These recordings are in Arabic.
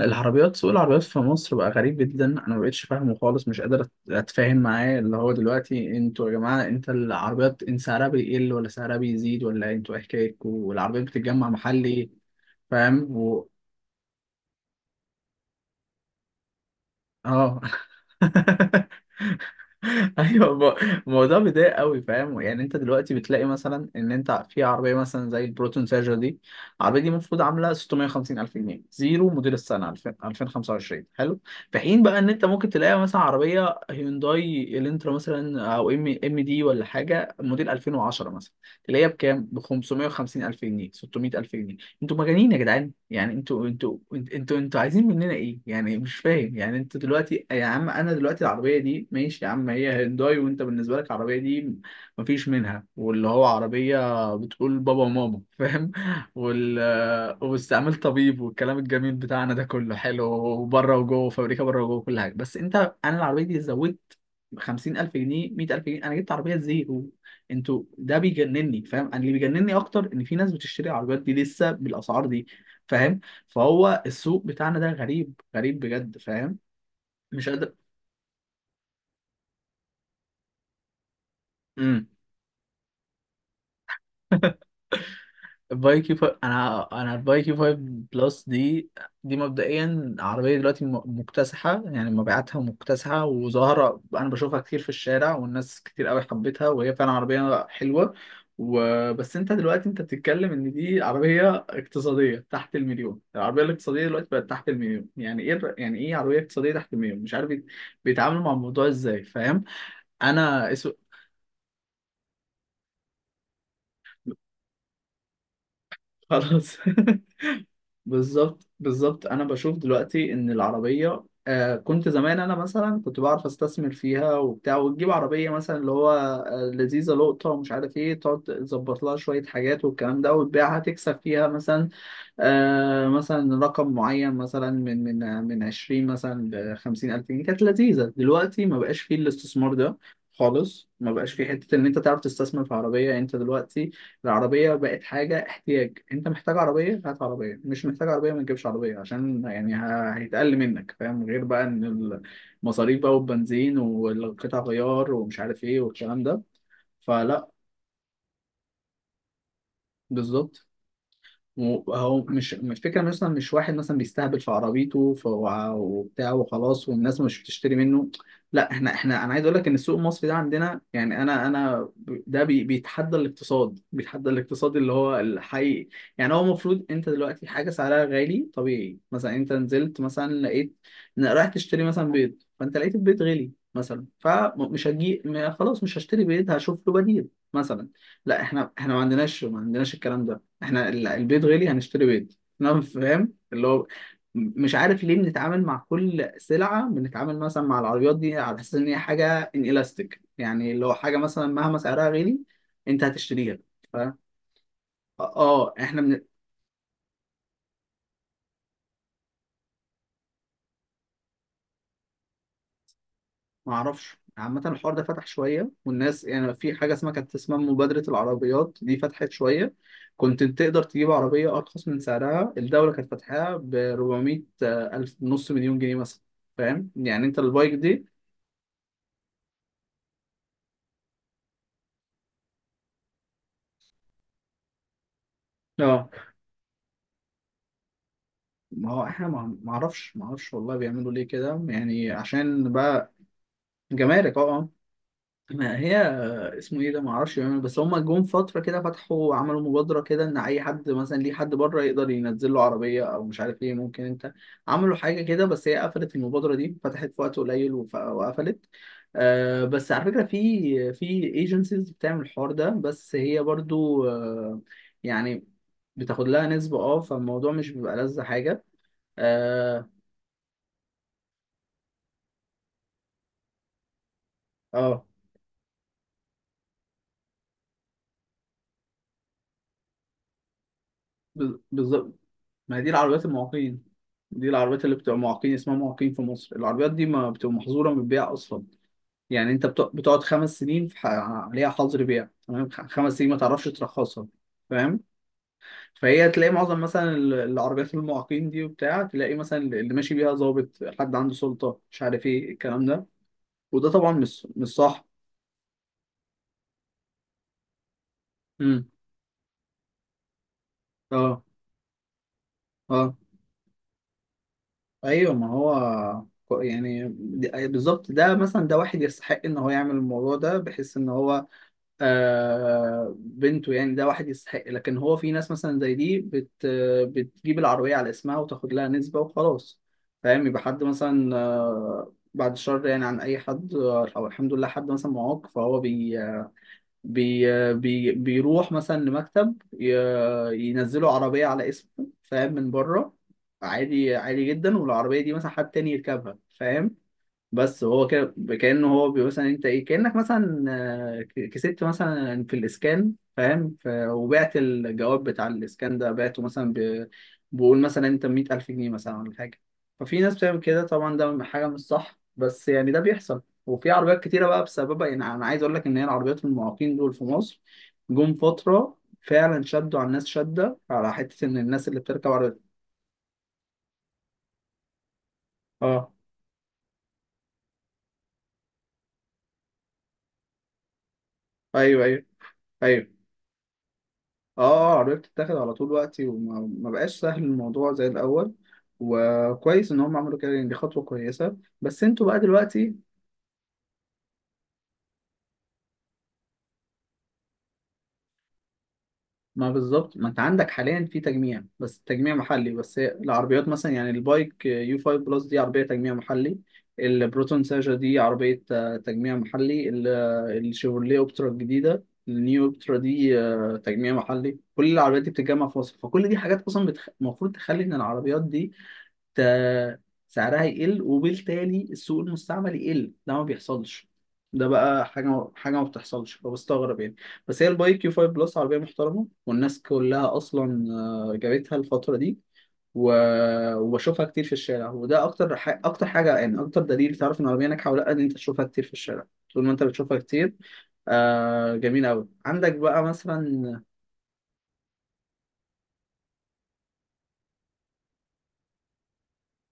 سوق العربيات في مصر بقى غريب جدا. انا ما بقتش فاهمه خالص. مش قادر اتفاهم معاه، اللي هو دلوقتي انتوا يا جماعه، انت العربيات ان سعرها بيقل ولا سعرها بيزيد؟ ولا انتوا ايه حكايتكم والعربيات بتتجمع محلي؟ فاهم اه. ايوه، الموضوع بيضايق قوي، فاهم. يعني انت دلوقتي بتلاقي مثلا ان انت في عربيه مثلا زي البروتون سيرجر دي. العربيه دي المفروض عامله 650 الف جنيه زيرو موديل السنه 2000 2025، حلو. في حين بقى ان انت ممكن تلاقي مثلا عربيه هيونداي الانترا مثلا او ام ام دي ولا حاجه موديل 2010 مثلا. تلاقيها بكام؟ ب 550 الف جنيه، 600 الف جنيه. انتوا مجانين يا جدعان. يعني انتوا انتوا انت- انتوا انتوا عايزين مننا ايه؟ يعني مش فاهم. يعني انتوا دلوقتي يا عم، انا دلوقتي العربيه دي ماشي يا عم هي هيونداي، وانت بالنسبه لك العربيه دي مفيش منها، واللي هو عربيه بتقول بابا وماما، فاهم. وال واستعمال طبيب والكلام الجميل بتاعنا ده كله، حلو وبره وجوه فابريكا، بره وجوه كل حاجه، بس انت، انا العربيه دي زودت 50,000 جنيه، 100,000 جنيه؟ انا جبت عربيه زيرو. انتوا ده بيجنني، فاهم. انا اللي بيجنني اكتر ان في ناس بتشتري العربيات دي لسه بالاسعار دي، فاهم. فهو السوق بتاعنا ده غريب غريب بجد، فاهم. مش قادر. امم. البايكيو فايف، انا البايكيو فايف بلس دي، دي مبدئيا عربيه دلوقتي مكتسحه، يعني مبيعاتها مكتسحه وظاهره. انا بشوفها كتير في الشارع والناس كتير قوي حبتها، وهي فعلا عربيه حلوه. وبس انت دلوقتي انت بتتكلم ان دي عربيه اقتصاديه تحت المليون، العربيه الاقتصاديه دلوقتي بقت تحت المليون؟ يعني ايه يعني ايه عربيه اقتصاديه تحت المليون؟ مش عارف بيتعاملوا مع الموضوع ازاي، فاهم. انا اسو... خلاص. بالظبط بالظبط. انا بشوف دلوقتي ان العربيه، كنت زمان انا مثلا كنت بعرف استثمر فيها وبتاع، وتجيب عربيه مثلا اللي هو لذيذه لقطه ومش عارف ايه، تقعد تظبط لها شويه حاجات والكلام ده وتبيعها، تكسب فيها مثلا مثلا رقم معين مثلا من 20 مثلا ل 50 ألف جنيه، كانت لذيذة. دلوقتي ما بقاش فيه الاستثمار ده خالص. ما بقاش فيه حتة إن أنت تعرف تستثمر في عربية. أنت دلوقتي العربية بقت حاجة احتياج. أنت محتاج عربية، هات عربية. مش محتاج عربية، ما تجيبش عربية عشان يعني هيتقل منك، فاهم. غير بقى إن المصاريف بقى والبنزين والقطع غيار ومش عارف إيه والكلام ده. فلا. بالظبط. هو مش الفكرة، مثلا مش واحد مثلا بيستهبل في عربيته وبتاع وخلاص، والناس مش بتشتري منه. لا، احنا انا عايز اقول لك ان السوق المصري ده عندنا يعني. انا ده بيتحدى الاقتصاد، بيتحدى الاقتصاد اللي هو الحقيقي. يعني هو المفروض انت دلوقتي حاجة سعرها غالي طبيعي، مثلا انت نزلت مثلا لقيت، إن رايح تشتري مثلا بيض فانت لقيت البيض غالي مثلا، فمش هجي خلاص مش هشتري بيض، هشوف له بديل مثلا. لا، احنا ما عندناش، ما عندناش الكلام ده. احنا البيض غالي هنشتري بيض. انا فاهم اللي هو مش عارف ليه بنتعامل مع كل سلعة، بنتعامل مثلا مع العربيات دي على أساس إن هي حاجة إنلاستيك. يعني لو حاجة مثلا مهما سعرها غالي أنت هتشتريها. ف... آه إحنا من... معرفش عامة. الحوار ده فتح شوية والناس يعني، في حاجة كانت اسمها مبادرة العربيات دي، فتحت شوية. كنت تقدر تجيب عربية أرخص من سعرها. الدولة كانت فاتحاها ب 400 ألف، نص مليون جنيه مثلا. فاهم يعني أنت البايك دي، اه. ما هو احنا ما اعرفش، ما اعرفش والله. بيعملوا ليه كده يعني عشان بقى جمارك، اه آه. ما هي اسمه ايه ده، ما اعرفش بيعملوا. بس هم جم فتره كده فتحوا، عملوا مبادره كده ان اي حد مثلا ليه حد بره يقدر ينزل له عربيه او مش عارف ايه، ممكن انت. عملوا حاجه كده بس هي قفلت، المبادره دي فتحت في وقت قليل وقفلت. آه، بس على فكره في ايجنسيز بتعمل الحوار ده، بس هي برضو آه، يعني بتاخد لها نسبة، اه. فالموضوع مش بيبقى لذة حاجة. اه. آه، بالظبط. ما هي دي العربيات المعاقين، دي العربيات اللي بتبقى معاقين اسمها، معاقين في مصر. العربيات دي ما بتبقى محظوره من البيع اصلا. يعني انت بتقعد 5 سنين في عليها حظر بيع، تمام. 5 سنين ما تعرفش ترخصها، فاهم. فهي تلاقي معظم مثلا العربيات المعاقين دي وبتاع، تلاقي مثلا اللي ماشي بيها ضابط، حد عنده سلطه، مش عارف ايه الكلام ده. وده طبعا مش صح. امم، اه، اه، ايوه. ما هو يعني بالظبط. ده مثلا ده واحد يستحق ان هو يعمل الموضوع ده، بحيث ان هو بنته يعني، ده واحد يستحق. لكن هو في ناس مثلا زي دي بتجيب العربية على اسمها وتاخد لها نسبة وخلاص، فاهم. يبقى حد مثلا بعد شر يعني عن اي حد، او الحمد لله حد مثلا معاق، فهو بي بيروح مثلا لمكتب، ينزلوا عربية على اسمه، فاهم، من بره، عادي عادي جدا. والعربية دي مثلا حد تاني يركبها، فاهم. بس هو كده كأنه هو، مثلا انت ايه، كأنك مثلا كسبت مثلا في الاسكان، فاهم، وبعت الجواب بتاع الاسكان ده، بعته مثلا بقول مثلا انت 100,000 جنيه مثلا ولا حاجة. ففي ناس بتعمل كده طبعا، ده حاجة مش صح، بس يعني ده بيحصل. وفي عربيات كتيرة بقى بسببها، يعني أنا عايز أقول لك إن هي العربيات المعاقين دول في مصر جم فترة فعلا شدوا على الناس شدة، على حتة إن الناس اللي بتركب عربيات، اه، أيوه أيوه أيوه، اه، قررت تتاخد على طول وقتي. وما ما بقاش سهل الموضوع زي الاول. وكويس ان هم عملوا كده يعني، دي خطوه كويسه. بس انتوا بقى دلوقتي، ما بالظبط، ما انت عندك حاليا في تجميع، بس تجميع محلي. بس هي العربيات مثلا يعني البايك يو 5 بلس دي عربيه تجميع محلي. البروتون ساجا دي عربيه تجميع محلي. الشيفروليه اوبترا الجديده، النيو اوبترا دي تجميع محلي. كل العربيات دي بتتجمع في مصر، فكل دي حاجات اصلا المفروض تخلي ان العربيات دي ت- سعرها يقل، وبالتالي السوق المستعمل يقل. ده ما بيحصلش. ده بقى حاجة، حاجة ما بتحصلش، فبستغرب يعني. بس هي الباي كيو 5 بلس عربية محترمة، والناس كلها أصلا جابتها الفترة دي و... وبشوفها كتير في الشارع. وده أكتر أكتر حاجة يعني، أكتر دليل تعرف إن العربية ناجحة ولا لأ، إن أنت تشوفها كتير في الشارع. طول ما أنت بتشوفها كتير، آه جميل أوي. عندك بقى مثلا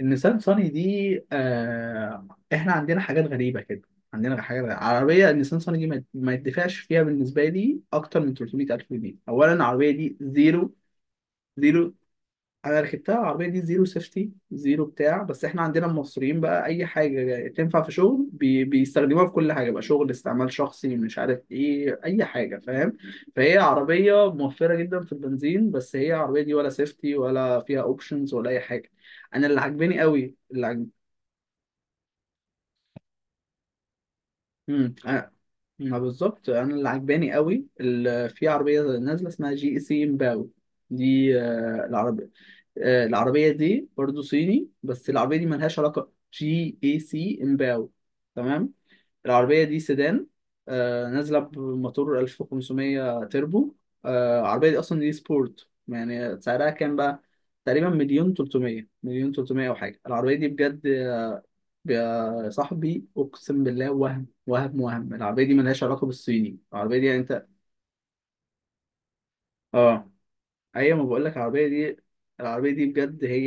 النيسان صاني دي، آه. احنا عندنا حاجات غريبة كده، عندنا حاجات غريبة. عربية النيسان صاني دي ما يدفعش فيها بالنسبة لي أكتر من 300 ألف جنيه. أولا العربية دي زيرو، زيرو. أنا ركبتها العربية دي زيرو سيفتي زيرو بتاع، بس احنا عندنا المصريين بقى أي حاجة تنفع في شغل بيستخدموها في كل حاجة، بقى شغل، استعمال شخصي، مش عارف إيه، أي حاجة، فاهم. فهي عربية موفرة جدا في البنزين، بس هي العربية دي ولا سيفتي ولا فيها أوبشنز ولا أي حاجة. انا اللي عاجباني قوي اللي مم. آه، ما بالظبط. انا اللي عجباني قوي في عربيه نازله اسمها جي اي سي امباو. دي العربيه العربيه دي برضو صيني، بس العربيه دي ملهاش علاقه. جي اي سي امباو، تمام. العربيه دي سيدان نازله بموتور 1500 تربو. العربيه دي اصلا دي سبورت، يعني سعرها كام بقى؟ تقريبا مليون 300، مليون 300 او حاجه. العربيه دي بجد يا صاحبي اقسم بالله. وهم وهم وهم، العربيه دي ملهاش علاقه بالصيني. العربيه دي يعني انت، اه، ايوه، ما بقول لك العربيه دي بجد هي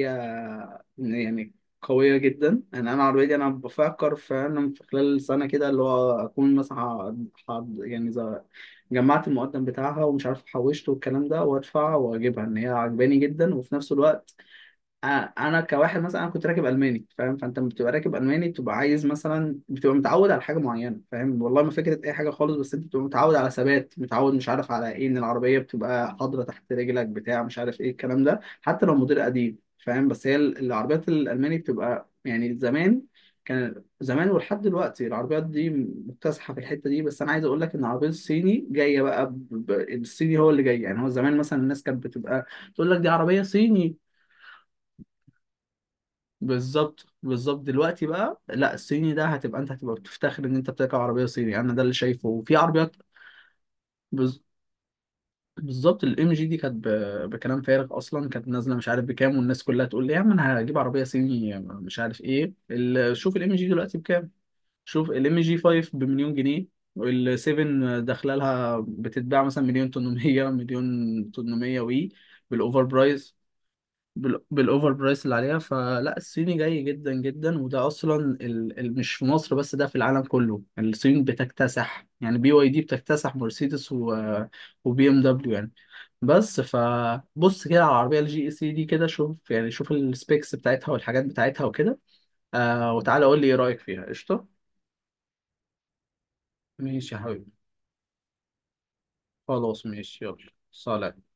يعني قويه جدا. انا العربيه دي، انا بفكر فعلا في خلال سنه كده، اللي هو اكون مثلا ح- ح- يعني زي- جمعت المقدم بتاعها ومش عارف حوشته والكلام ده، وادفع واجيبها، ان هي عجباني جدا. وفي نفس الوقت انا كواحد مثلا انا كنت راكب الماني، فاهم. فانت لما بتبقى راكب الماني بتبقى عايز مثلا، بتبقى متعود على حاجه معينه، فاهم، والله ما فكره اي حاجه خالص. بس انت بتبقى متعود على ثبات، متعود مش عارف على ايه، ان العربيه بتبقى حاضره تحت رجلك بتاع، مش عارف ايه الكلام ده، حتى لو موديل قديم، فاهم. بس هي العربيات الالماني بتبقى يعني زمان، كان زمان ولحد دلوقتي العربيات دي مكتسحه في الحته دي. بس انا عايز اقول لك ان العربيه الصيني جايه بقى ب- الصيني هو اللي جاي. يعني هو زمان مثلا الناس كانت بتبقى تقول لك دي عربيه صيني. بالظبط بالظبط. دلوقتي بقى لا، الصيني ده هتبقى، انت هتبقى بتفتخر ان انت بتركب عربيه صيني. انا ده اللي شايفه. وفي عربيات بز- بالظبط. الام جي دي كانت بكلام فارغ اصلا، كانت نازله مش عارف بكام، والناس كلها تقول لي يا عم انا هجيب عربيه صيني مش عارف ايه. شوف الام جي دلوقتي بكام. شوف الام جي 5 بمليون جنيه، وال 7 داخله لها بتتباع مثلا مليون 800، مليون 800 وي بالاوفر برايس، بالاوفر برايس اللي عليها. فلا، الصيني جاي جدا جدا، وده اصلا مش في مصر بس، ده في العالم كله. يعني الصين بتكتسح، يعني بي واي دي بتكتسح مرسيدس وبي ام دبليو يعني. بس فبص كده على العربيه الجي اي سي دي كده، شوف يعني شوف السبيكس بتاعتها والحاجات بتاعتها وكده، آه، وتعالى قول لي ايه رايك فيها. قشطه. ماشي يا حبيبي. خلاص ماشي يلا، سلام.